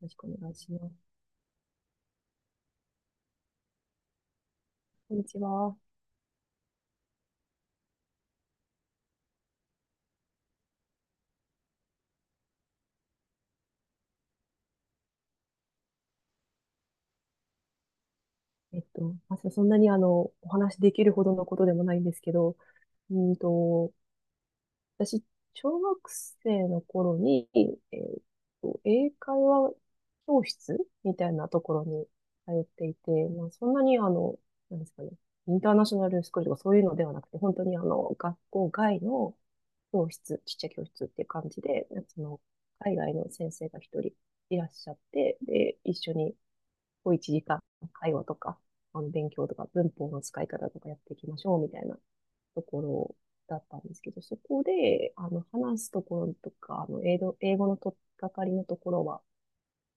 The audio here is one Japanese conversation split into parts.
よろしくお願いします。こんにちは。まさそんなにお話できるほどのことでもないんですけど、うーんと、私、小学生の頃に、英会話教室みたいなところに通っていて、まあ、そんなになんですかね、インターナショナルスクールとかそういうのではなくて、本当に学校外の教室、ちっちゃい教室っていう感じで、その、海外の先生が一人いらっしゃって、で、一緒に、こう1時間会話とか、勉強とか、文法の使い方とかやっていきましょうみたいなところだったんですけど、そこで、話すところとか、英語の取っかかりのところは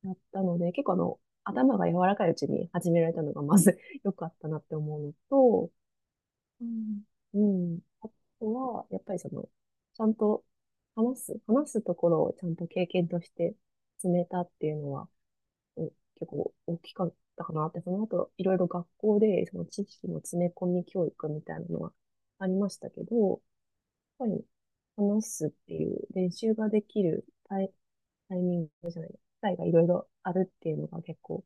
やったので、結構頭が柔らかいうちに始められたのがまず 良かったなって思うのと、うん。あとは、やっぱりその、ちゃんと話すところをちゃんと経験として積めたっていうのは、うん結構大きかったかなって、その後いろいろ学校でその知識の詰め込み教育みたいなのはありましたけど、やっぱり話すっていう練習ができるタイミングじゃない、機会がいろいろあるっていうのが結構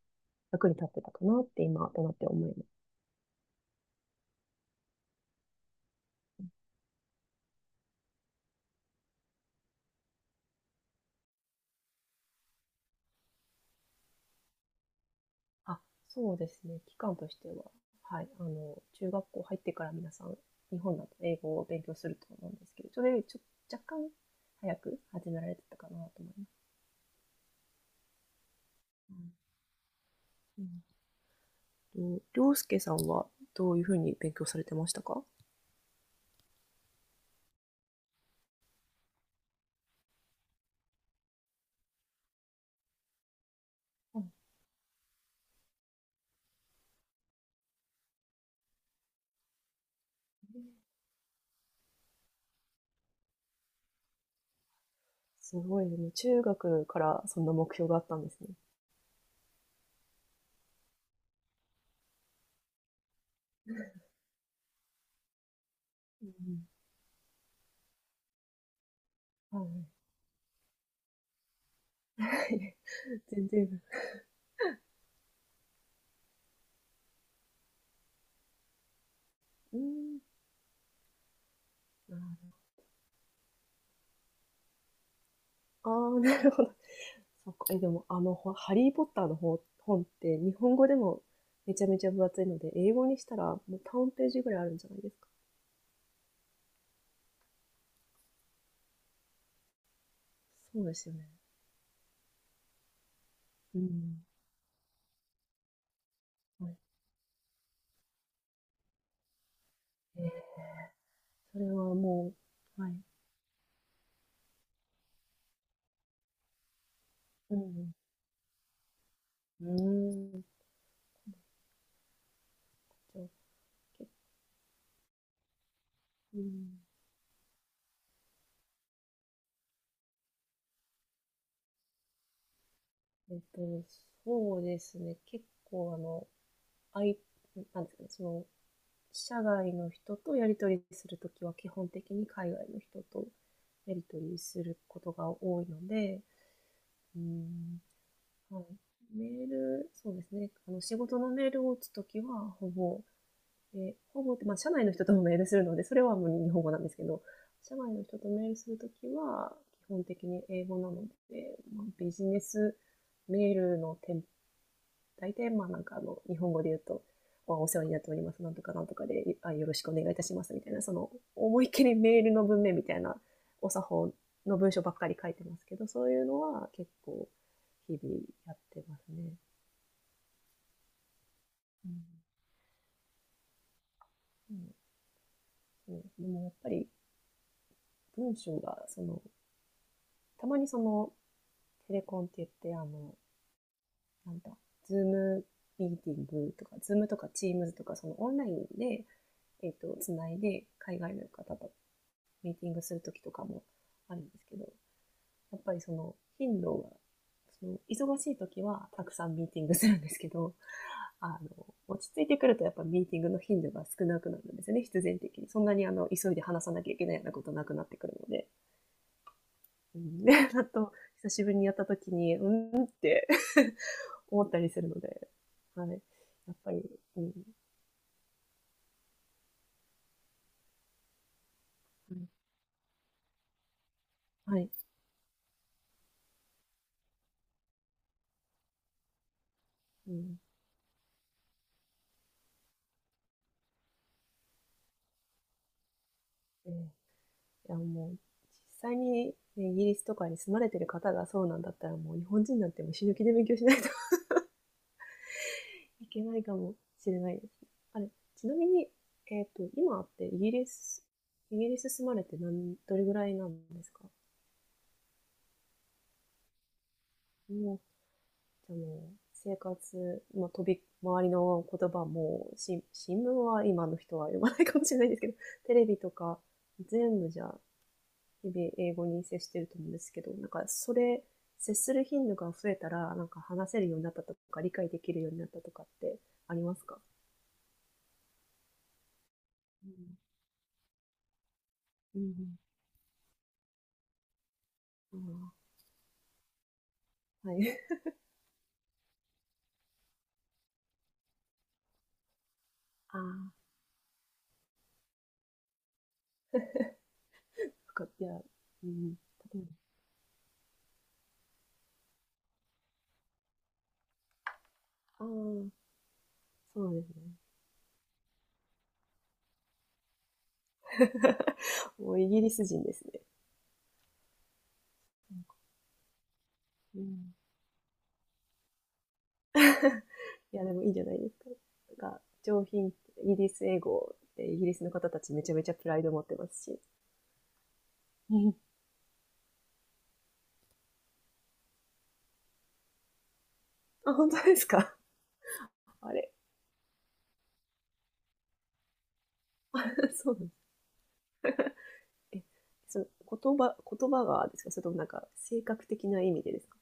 役に立ってたかなって今となって思います。あ、そうですね。期間としては、はい、中学校入ってから皆さん日本だと英語を勉強すると思うんですけど、それより若干早く始められてたかなと思います。うんうんと、りょうすけさんはどういうふうに勉強されてましたか？うんすごいね。中学からそんな目標があったんですね。うん、はい。 全然。うん。ああ、なるほど。そっか。え、でも、ハリー・ポッターの本って、日本語でもめちゃめちゃ分厚いので、英語にしたらもう3ページぐらいあるんじゃないですか。そうですよね。うん。はい。えーそれはもう、はい。うん。うん。うん。じゃあ、うん。えっと、そうですね。結構、あい、なんですかね、社外の人とやり取りするときは、基本的に海外の人とやり取りすることが多いので、うん、はい。メール、そうですね。仕事のメールを打つときは、ほぼって、まあ、社内の人ともメールするので、それはもう日本語なんですけど、社外の人とメールするときは、基本的に英語なので、まあ、ビジネスメールの大体、まあなんか日本語で言うと、お世話になっております、なんとかなんとかで、よろしくお願いいたします、みたいな、その、思いっきりメールの文面みたいな、お作法の文章ばっかり書いてますけど、そういうのは結構、日々やってますね。うん。うん、でもやっぱり、文章が、たまにテレコンって言って、なんだ、ズームミーティングとか、ズームとかチームズとか、そのオンラインで、つないで、海外の方とミーティングするときとかもあるんですけど、やっぱりその頻度が、その忙しいときはたくさんミーティングするんですけど、あの、落ち着いてくるとやっぱミーティングの頻度が少なくなるんですよね、必然的に。そんなに急いで話さなきゃいけないようなことなくなってくるので。うん、で、あと、久しぶりにやったときに、うんって思ったりするので、はい。やっぱり、うん。はい。うん。えーいや、もう、実際に、ね、イギリスとかに住まれてる方がそうなんだったら、もう日本人なんてもう死ぬ気で勉強しないと いけないかもしれないです。あれ、ちなみに、今ってイギリス住まれてどれぐらいなんですか？もう、じゃあもう、生活、まあ、周りの言葉も、新聞は今の人は読まないかもしれないですけど、テレビとか、全部じゃあ日々英語に接してると思うんですけど、なんかそれ、接する頻度が増えたら、なんか話せるようになったとか、理解できるようになったとかってありますか？うん。うん。ああ、はい。ああ、深いや、うん。例えば。ああ、そうですね。もうイギリス人ですね。うん。いや、でもいいんじゃないですか。なんか、イギリス英語ってイギリスの方たちめちゃめちゃプライド持ってますし。うん。あ、本当ですか？あれ。 そうなん。えその言葉がですか？それともなんか、性格的な意味でですか？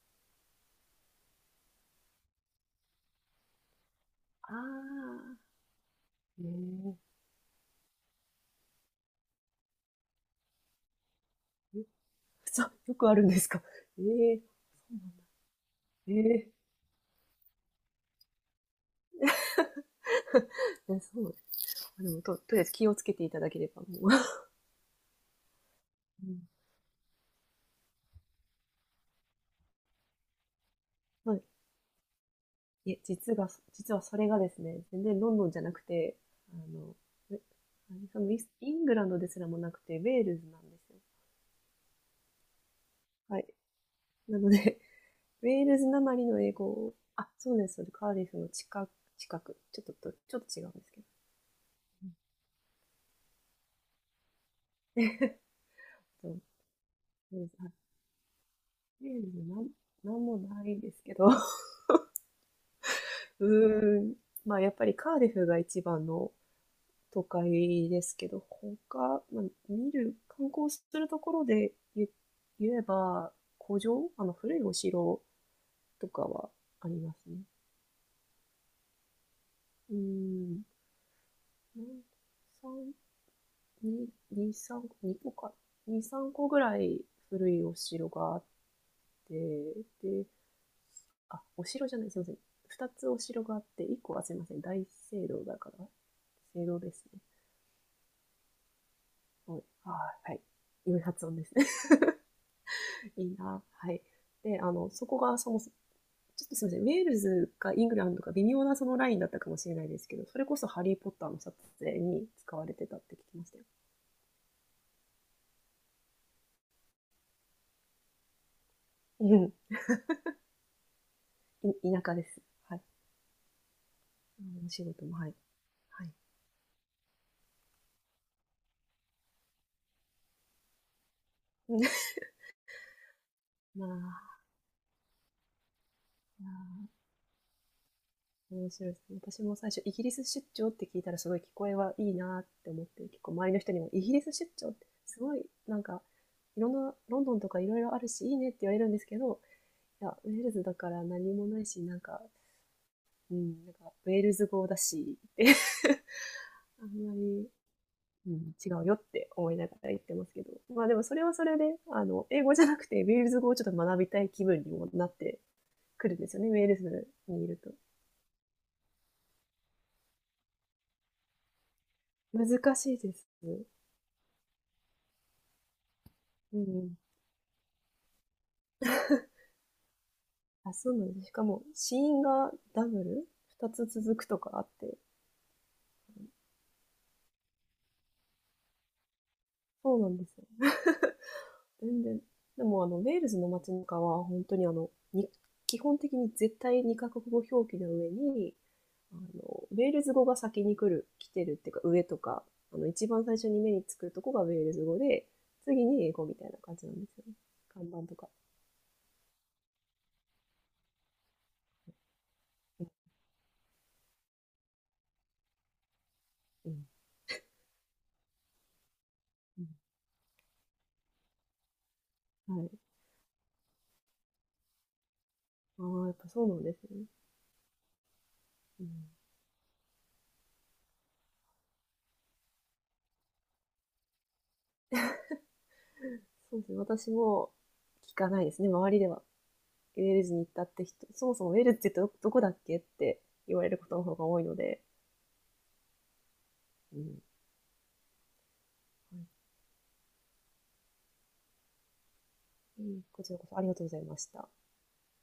ああ、ええ。そう、よくあるんですか？ええ。そうなんだ。ええ。いや、そう。でもとりあえず気をつけていただければもう。うん。はい。いえ、実はそれがですね、全然ロンドンじゃなくて、あの、あれ、そのイングランドですらもなくて、ウェールズなんですよ。はい。なので、ウェールズなまりの英語。あ、そうです、そうです。カーディフの近く、近く。ちょっと違うんですけど。うん、ウェールズ、はい。ウェールズなんもないんですけど。うーん。まあ、やっぱりカーディフが一番の都会ですけど、他、まあ、観光するところで言えば、あの、古いお城とかはありますね。うーん。なん三に2、3、2個か、2、3個ぐらい古いお城があって、で、あ、お城じゃない、すいません。2つお城があって、1個はすいません、大聖堂だから、聖堂ですね。はい。はい。良い発音ですね。いいな。はい。で、そこがそもそも、ちょっとすみません、ウェールズかイングランドか微妙なそのラインだったかもしれないですけど、それこそハリー・ポッターの撮影に使われてたって聞きましたよ。うん。田舎です。はい。お仕事も、はい。はい。まあ、いやー面白いですね。私も最初、イギリス出張って聞いたら、すごい聞こえはいいなって思って、結構周りの人にも、イギリス出張って、すごい、なんか、いろんな、ロンドンとかいろいろあるし、いいねって言われるんですけど、いや、ウェールズだから何もないし、なんか、うん、なんか、ウェールズ語だし、って あんまり、うん、違うよって思いながら言ってますけど、まあでもそれはそれで、英語じゃなくて、ウェールズ語をちょっと学びたい気分にもなってくるんですよね、ウェールズにいると。難しいです。うん。あ、そうなんです。しかも、死因がダブル二つ続くとかあって、そうなんですよ。全然。でも、ウェールズの街中は、本当に基本的に絶対にカ国語表記の上に、ウェールズ語が先に来てるっていうか、上とか、一番最初に目につくとこがウェールズ語で、次に英語みたいな感じなんですよね。看板とか。うん。うん、はい。ああ、やっぱそうなんですね。うん、そうですね。私も聞かないですね、周りでは。ウェールズに行ったって人、そもそもウェールズってどこだっけって言われることの方が多いので、うん、こちらこそありがとうございました。